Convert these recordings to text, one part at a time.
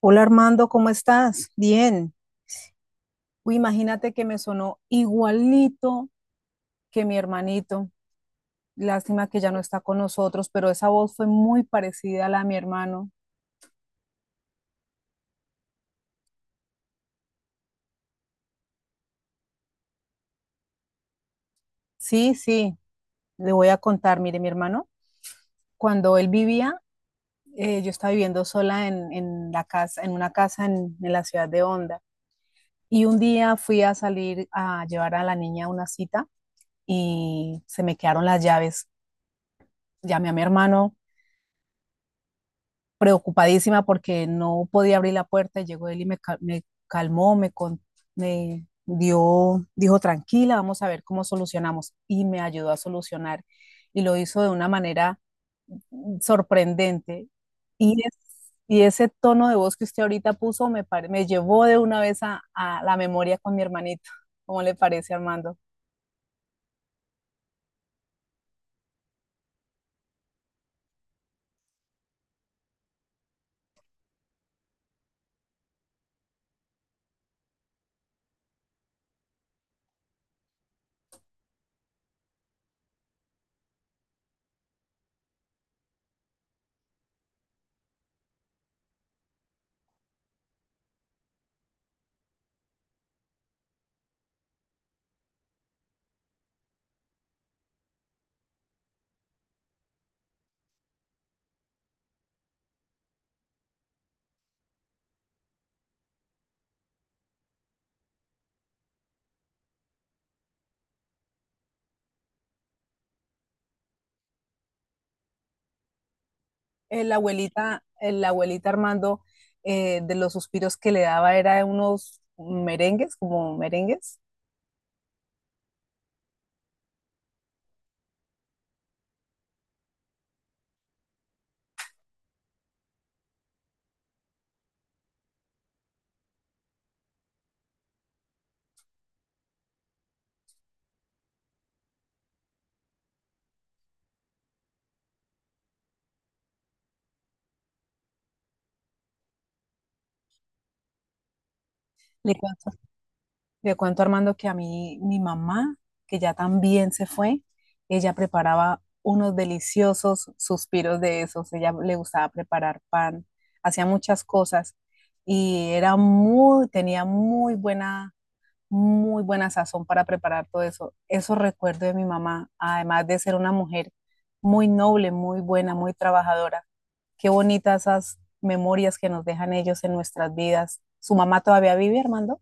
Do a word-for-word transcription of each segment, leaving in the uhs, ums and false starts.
Hola Armando, ¿cómo estás? Bien. Uy, imagínate que me sonó igualito que mi hermanito. Lástima que ya no está con nosotros, pero esa voz fue muy parecida a la de mi hermano. Sí, sí, le voy a contar. Mire, mi hermano, cuando él vivía, eh, yo estaba viviendo sola en, en la casa, en una casa en, en la ciudad de Honda. Y un día fui a salir a llevar a la niña a una cita y se me quedaron las llaves. Llamé a mi hermano preocupadísima porque no podía abrir la puerta. Llegó él y me, cal- me calmó, me, con- me dio, dijo, tranquila, vamos a ver cómo solucionamos. Y me ayudó a solucionar. Y lo hizo de una manera sorprendente. Y, es- y ese tono de voz que usted ahorita puso me, pare- me llevó de una vez a, a la memoria con mi hermanito. ¿Cómo le parece, Armando? Eh, La abuelita, eh, la abuelita Armando, eh, de los suspiros que le daba era de unos merengues, como merengues. Le cuento, le cuento, Armando, que a mí, mi mamá, que ya también se fue, ella preparaba unos deliciosos suspiros de esos. Ella le gustaba preparar pan, hacía muchas cosas y era muy, tenía muy buena, muy buena sazón para preparar todo eso. Eso recuerdo de mi mamá, además de ser una mujer muy noble, muy buena, muy trabajadora. Qué bonitas esas memorias que nos dejan ellos en nuestras vidas. ¿Su mamá todavía vive, Armando?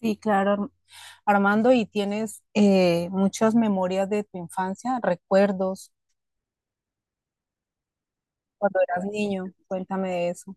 Sí, claro, Armando, ¿y tienes eh, muchas memorias de tu infancia, recuerdos cuando eras niño? Cuéntame de eso.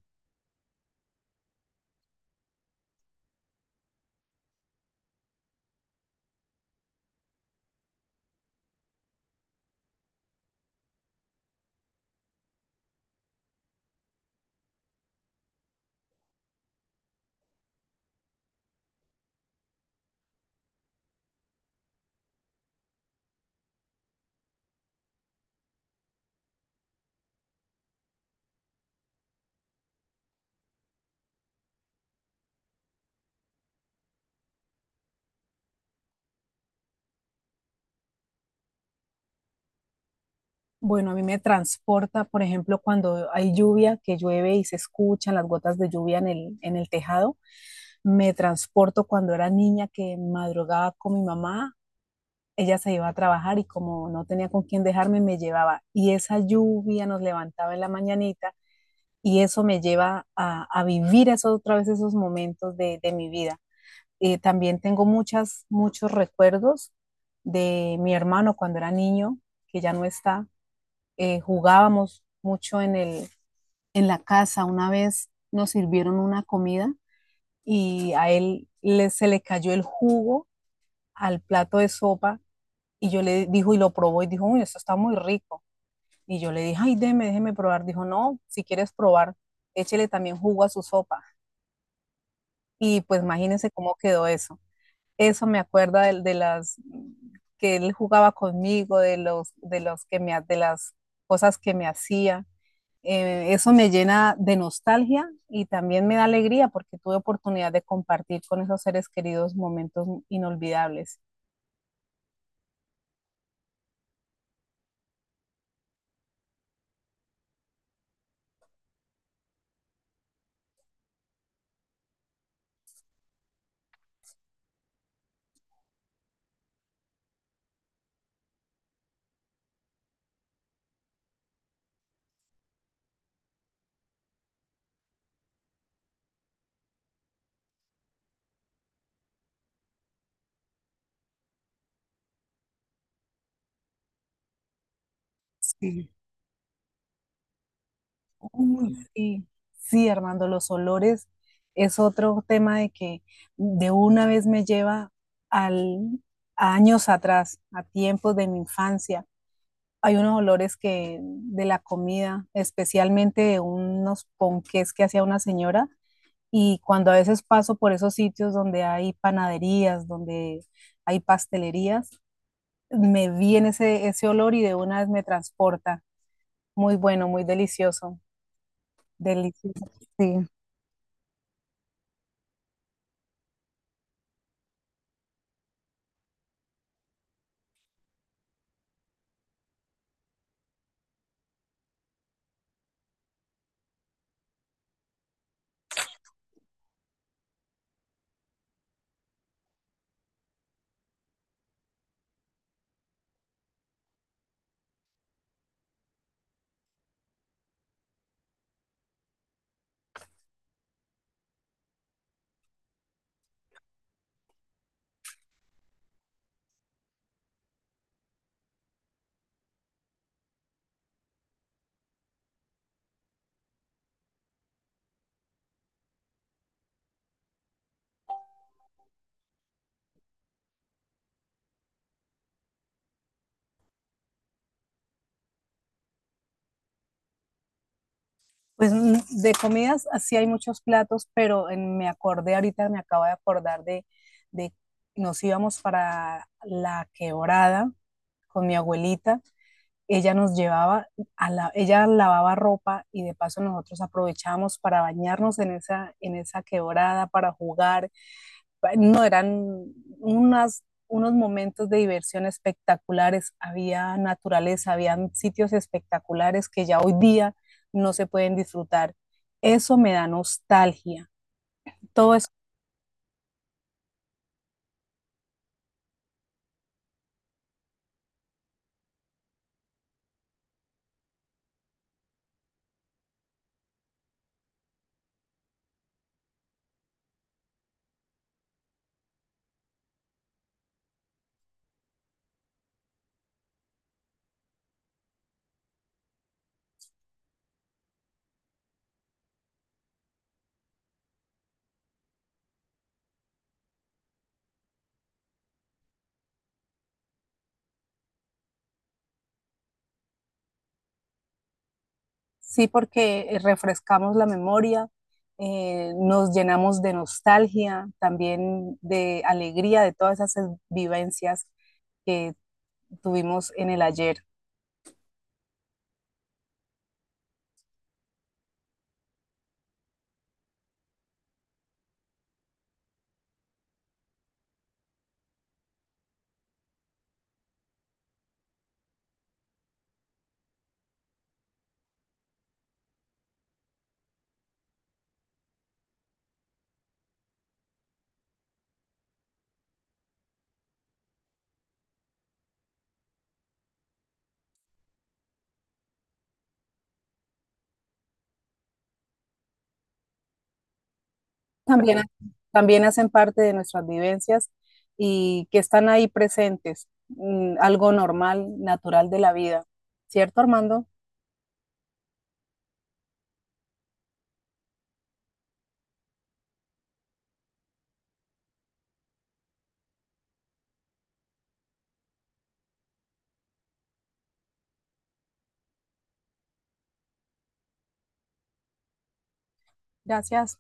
Bueno, a mí me transporta, por ejemplo, cuando hay lluvia, que llueve y se escuchan las gotas de lluvia en el, en el tejado. Me transporto cuando era niña que madrugaba con mi mamá. Ella se iba a trabajar y como no tenía con quién dejarme, me llevaba. Y esa lluvia nos levantaba en la mañanita y eso me lleva a, a vivir esos, otra vez esos momentos de de mi vida. Eh, también tengo muchas, muchos recuerdos de mi hermano cuando era niño, que ya no está. Eh, jugábamos mucho en, el, en la casa. Una vez nos sirvieron una comida y a él le, se le cayó el jugo al plato de sopa y yo le dijo y lo probó y dijo, uy, esto está muy rico. Y yo le dije, ay, déjeme, déjeme probar. Dijo, no, si quieres probar, échele también jugo a su sopa. Y pues imagínense cómo quedó eso. Eso me acuerda de, de las que él jugaba conmigo, de los, de los que me, ha- de las cosas que me hacía. Eh, eso me llena de nostalgia y también me da alegría porque tuve oportunidad de compartir con esos seres queridos momentos inolvidables. Sí. Uy, sí, sí, Armando, los olores es otro tema, de que de una vez me lleva al, a años atrás, a tiempos de mi infancia. Hay unos olores, que de la comida, especialmente de unos ponqués que hacía una señora. Y cuando a veces paso por esos sitios donde hay panaderías, donde hay pastelerías, me viene ese, ese olor y de una vez me transporta. Muy bueno, muy delicioso. Delicioso, sí. Pues mm, de comidas así hay muchos platos, pero en- me acordé ahorita, me acabo de acordar de, de nos íbamos para la Quebrada con mi abuelita. Ella nos llevaba, a la, ella lavaba ropa y de paso nosotros aprovechábamos para bañarnos en esa, en esa quebrada, para jugar. No, eran unas, unos momentos de diversión espectaculares, había naturaleza, habían sitios espectaculares que ya hoy día no se pueden disfrutar. Eso me da nostalgia. Todo eso. Sí, porque eh, refrescamos la memoria, eh, nos llenamos de nostalgia, también de alegría de todas esas vivencias que tuvimos en el ayer. También, también hacen parte de nuestras vivencias y que están ahí presentes, mm, algo normal, natural de la vida. ¿Cierto, Armando? Gracias.